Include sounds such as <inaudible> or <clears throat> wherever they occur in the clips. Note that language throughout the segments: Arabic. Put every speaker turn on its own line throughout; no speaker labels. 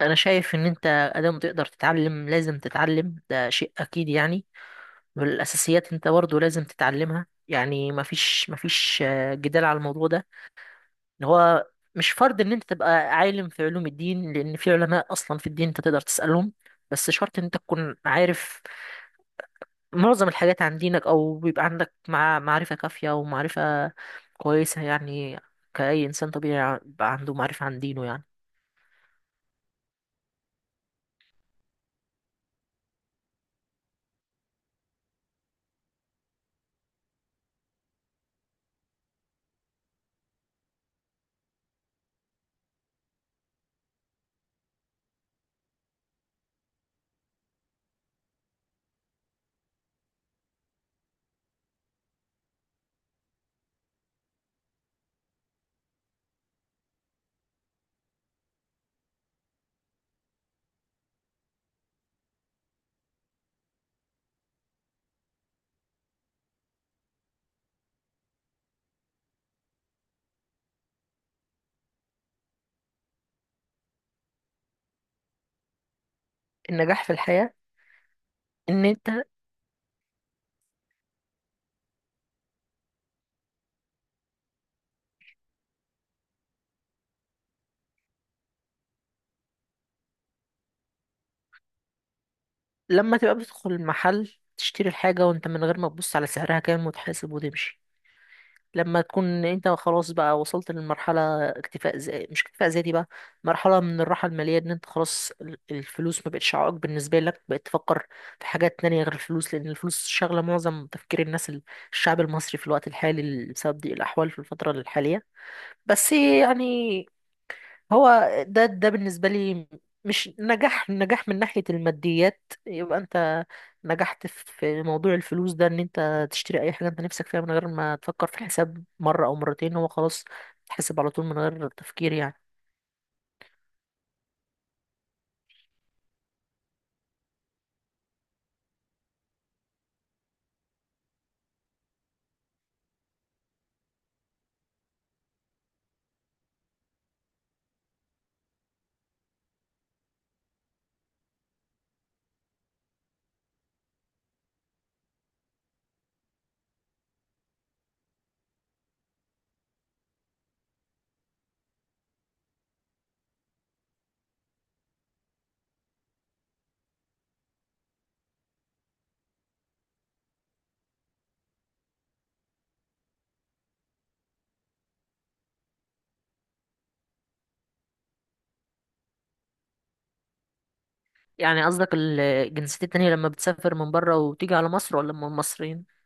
انا شايف ان انت ادام تقدر تتعلم لازم تتعلم ده شيء اكيد يعني. والاساسيات انت برضه لازم تتعلمها، يعني مفيش جدال على الموضوع ده، اللي هو مش فرض ان انت تبقى عالم في علوم الدين، لان في علماء اصلا في الدين انت تقدر تسالهم. بس شرط ان انت تكون عارف معظم الحاجات عن دينك، او بيبقى عندك مع معرفه كافيه ومعرفه كويسه يعني، كأي انسان طبيعي يبقى عنده معرفه عن دينه يعني. النجاح في الحياه ان انت لما تبقى بتدخل المحل تشتري الحاجة، وانت من غير ما تبص على سعرها كام، وتحاسب وتمشي. لما تكون انت خلاص بقى وصلت للمرحلة اكتفاء، زي مش اكتفاء ذاتي بقى، مرحلة من الراحة المالية، ان انت خلاص الفلوس ما بقتش عائق بالنسبة لك، بقيت تفكر في حاجات تانية غير الفلوس، لأن الفلوس شاغلة معظم تفكير الناس، الشعب المصري في الوقت الحالي بسبب ضيق الأحوال في الفترة الحالية، بس يعني. هو ده بالنسبة لي مش نجاح. نجاح من ناحية الماديات يبقى انت نجحت في موضوع الفلوس ده، ان انت تشتري اي حاجة انت نفسك فيها من غير ما تفكر في الحساب مرة او مرتين، هو خلاص تحسب على طول من غير تفكير يعني. يعني قصدك الجنسيات التانية لما بتسافر من بره وتيجي على مصر، ولا من المصريين؟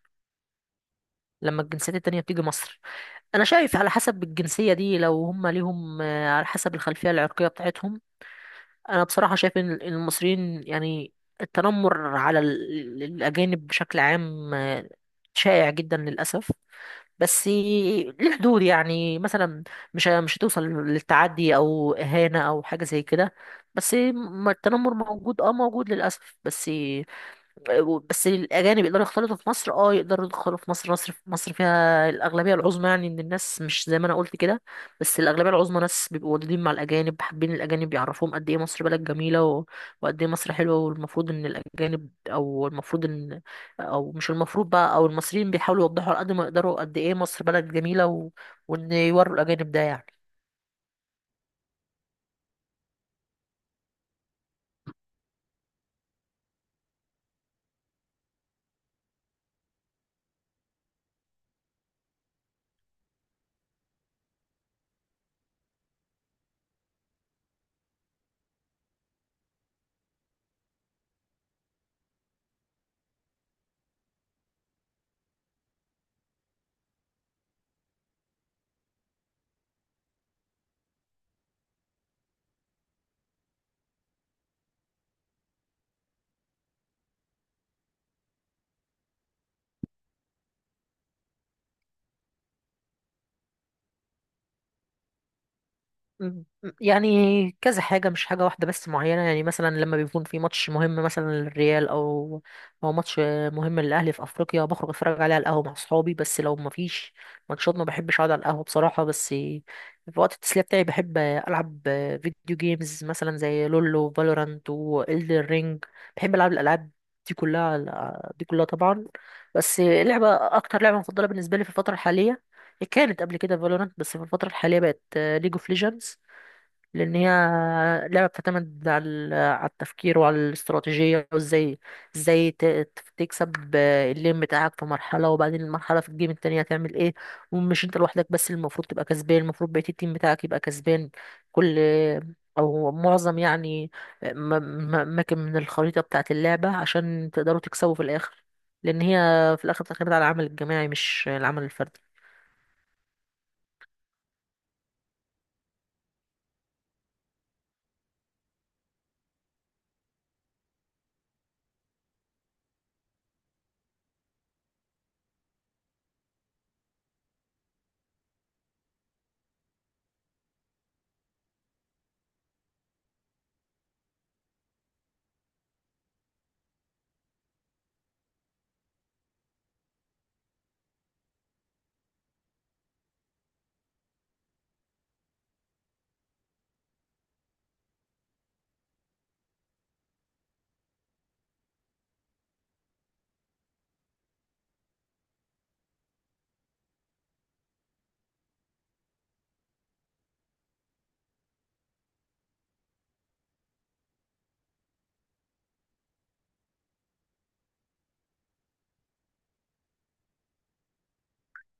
لما الجنسيات التانية بتيجي مصر، انا شايف على حسب الجنسية دي، لو هم ليهم على حسب الخلفية العرقية بتاعتهم. انا بصراحه شايف ان المصريين يعني التنمر على الاجانب بشكل عام شائع جدا للاسف، بس ليه حدود يعني، مثلا مش هتوصل للتعدي او اهانه او حاجه زي كده. بس ما التنمر موجود، اه موجود للاسف. بس الاجانب يقدروا يختلطوا في مصر، اه يقدروا يدخلوا في مصر. مصر فيها الاغلبيه العظمى يعني من الناس، مش زي ما انا قلت كده. بس الاغلبيه العظمى ناس بيبقوا ودودين مع الاجانب، حابين الاجانب يعرفوهم قد ايه مصر بلد جميله وقد ايه مصر حلوه، والمفروض ان الاجانب او المفروض ان، او مش المفروض بقى، او المصريين بيحاولوا يوضحوا على قد ما يقدروا قد ايه مصر بلد جميله وان يوروا الاجانب ده يعني. مم. يعني كذا حاجة مش حاجة واحدة بس معينة، يعني مثلا لما بيكون في ماتش مهم مثلا للريال، أو ماتش مهم للأهلي في أفريقيا، بخرج أتفرج عليه على القهوة مع صحابي. بس لو مفيش ماتشات ما بحبش أقعد على القهوة بصراحة، بس في وقت التسلية بتاعي بحب ألعب فيديو جيمز، مثلا زي لولو فالورانت وإلدر رينج. بحب ألعب الألعاب دي كلها، دي كلها طبعا. بس لعبة، أكتر لعبة مفضلة بالنسبة لي في الفترة الحالية كانت قبل كده فالورانت، بس في الفترة الحالية بقت ليج اوف ليجندز، لان هي لعبه بتعتمد على على التفكير وعلى الاستراتيجيه، وازاي تكسب اللين بتاعك في مرحله، وبعدين المرحله في الجيم التانية هتعمل ايه. ومش انت لوحدك بس اللي المفروض تبقى كسبان، المفروض بقيه التيم بتاعك يبقى كسبان، كل او معظم يعني م- اماكن من الخريطه بتاعه اللعبه عشان تقدروا تكسبوا في الاخر، لان هي في الاخر تعتمد على العمل الجماعي مش العمل الفردي.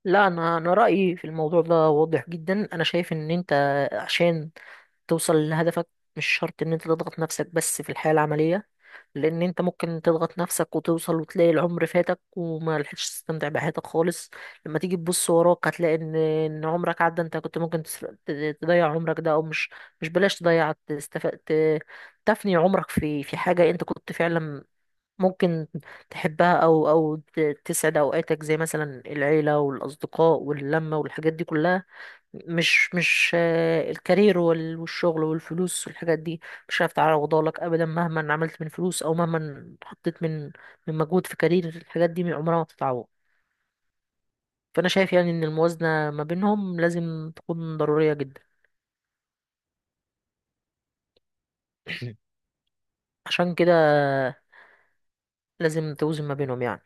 لا، انا رايي في الموضوع ده واضح جدا. انا شايف ان انت عشان توصل لهدفك مش شرط ان انت تضغط نفسك بس في الحياة العملية، لان انت ممكن تضغط نفسك وتوصل وتلاقي العمر فاتك وما لحقتش تستمتع بحياتك خالص. لما تيجي تبص وراك هتلاقي ان عمرك عدى، انت كنت ممكن تضيع عمرك ده، او مش مش بلاش تضيع تستف... ت- تفني عمرك في حاجة انت كنت فعلا ممكن تحبها، او تسعد اوقاتك، زي مثلا العيلة والاصدقاء واللمة والحاجات دي كلها، مش الكارير والشغل والفلوس والحاجات دي، مش هعرف تعوضها لك ابدا، مهما عملت من فلوس او مهما حطيت من مجهود في كارير. الحاجات دي عمرها ما تتعوض، فانا شايف يعني ان الموازنه ما بينهم لازم تكون ضروريه جدا. <clears throat> عشان كده لازم توزن ما بينهم يعني.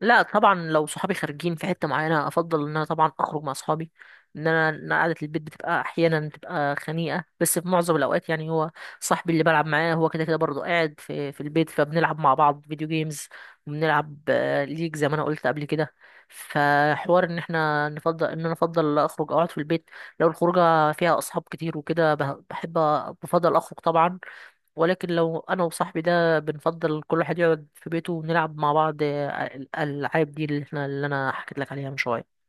لا طبعا، لو صحابي خارجين في حتة معينة افضل ان انا طبعا اخرج مع صحابي. ان انا إن قعدة البيت بتبقى احيانا بتبقى خنيقة، بس في معظم الاوقات يعني هو صاحبي اللي بلعب معاه هو كده كده برضه قاعد في البيت فبنلعب مع بعض فيديو جيمز، وبنلعب ليج زي ما انا قلت قبل كده. فحوار ان احنا نفضل ان انا افضل اخرج او اقعد في البيت، لو الخروجه فيها اصحاب كتير وكده بحب بفضل اخرج طبعا. ولكن لو انا وصاحبي ده بنفضل كل واحد يقعد في بيته ونلعب مع بعض الالعاب دي، اللي انا حكيت لك عليها من شويه.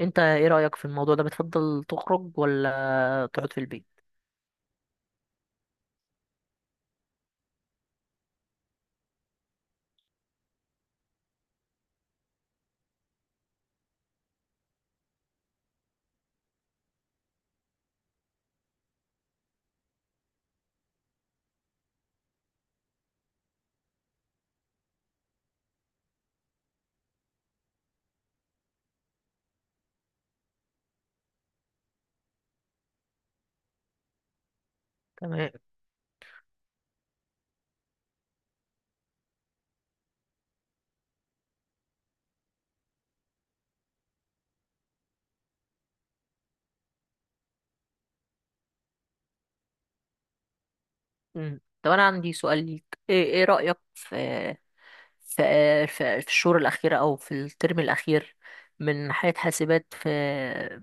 انت ايه رايك في الموضوع ده، بتفضل تخرج ولا تقعد في البيت؟ تمام. مم. طب انا عندي سؤال ليك، ايه رايك في في في الشهور الأخيرة، أو في الترم الأخير من حياة حاسبات في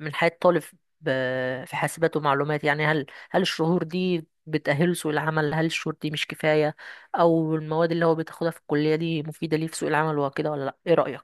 من حياة طالب في حاسبات ومعلومات، يعني هل الشهور دي بتأهله سوق العمل، هل الشهور دي مش كفاية، أو المواد اللي هو بتاخدها في الكلية دي مفيدة ليه في سوق العمل وكده ولا لأ؟ إيه رأيك؟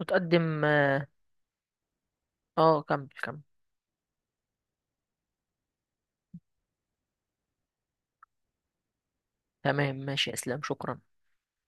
متقدم. اه كمل كمل. تمام ماشي يا اسلام، شكرا.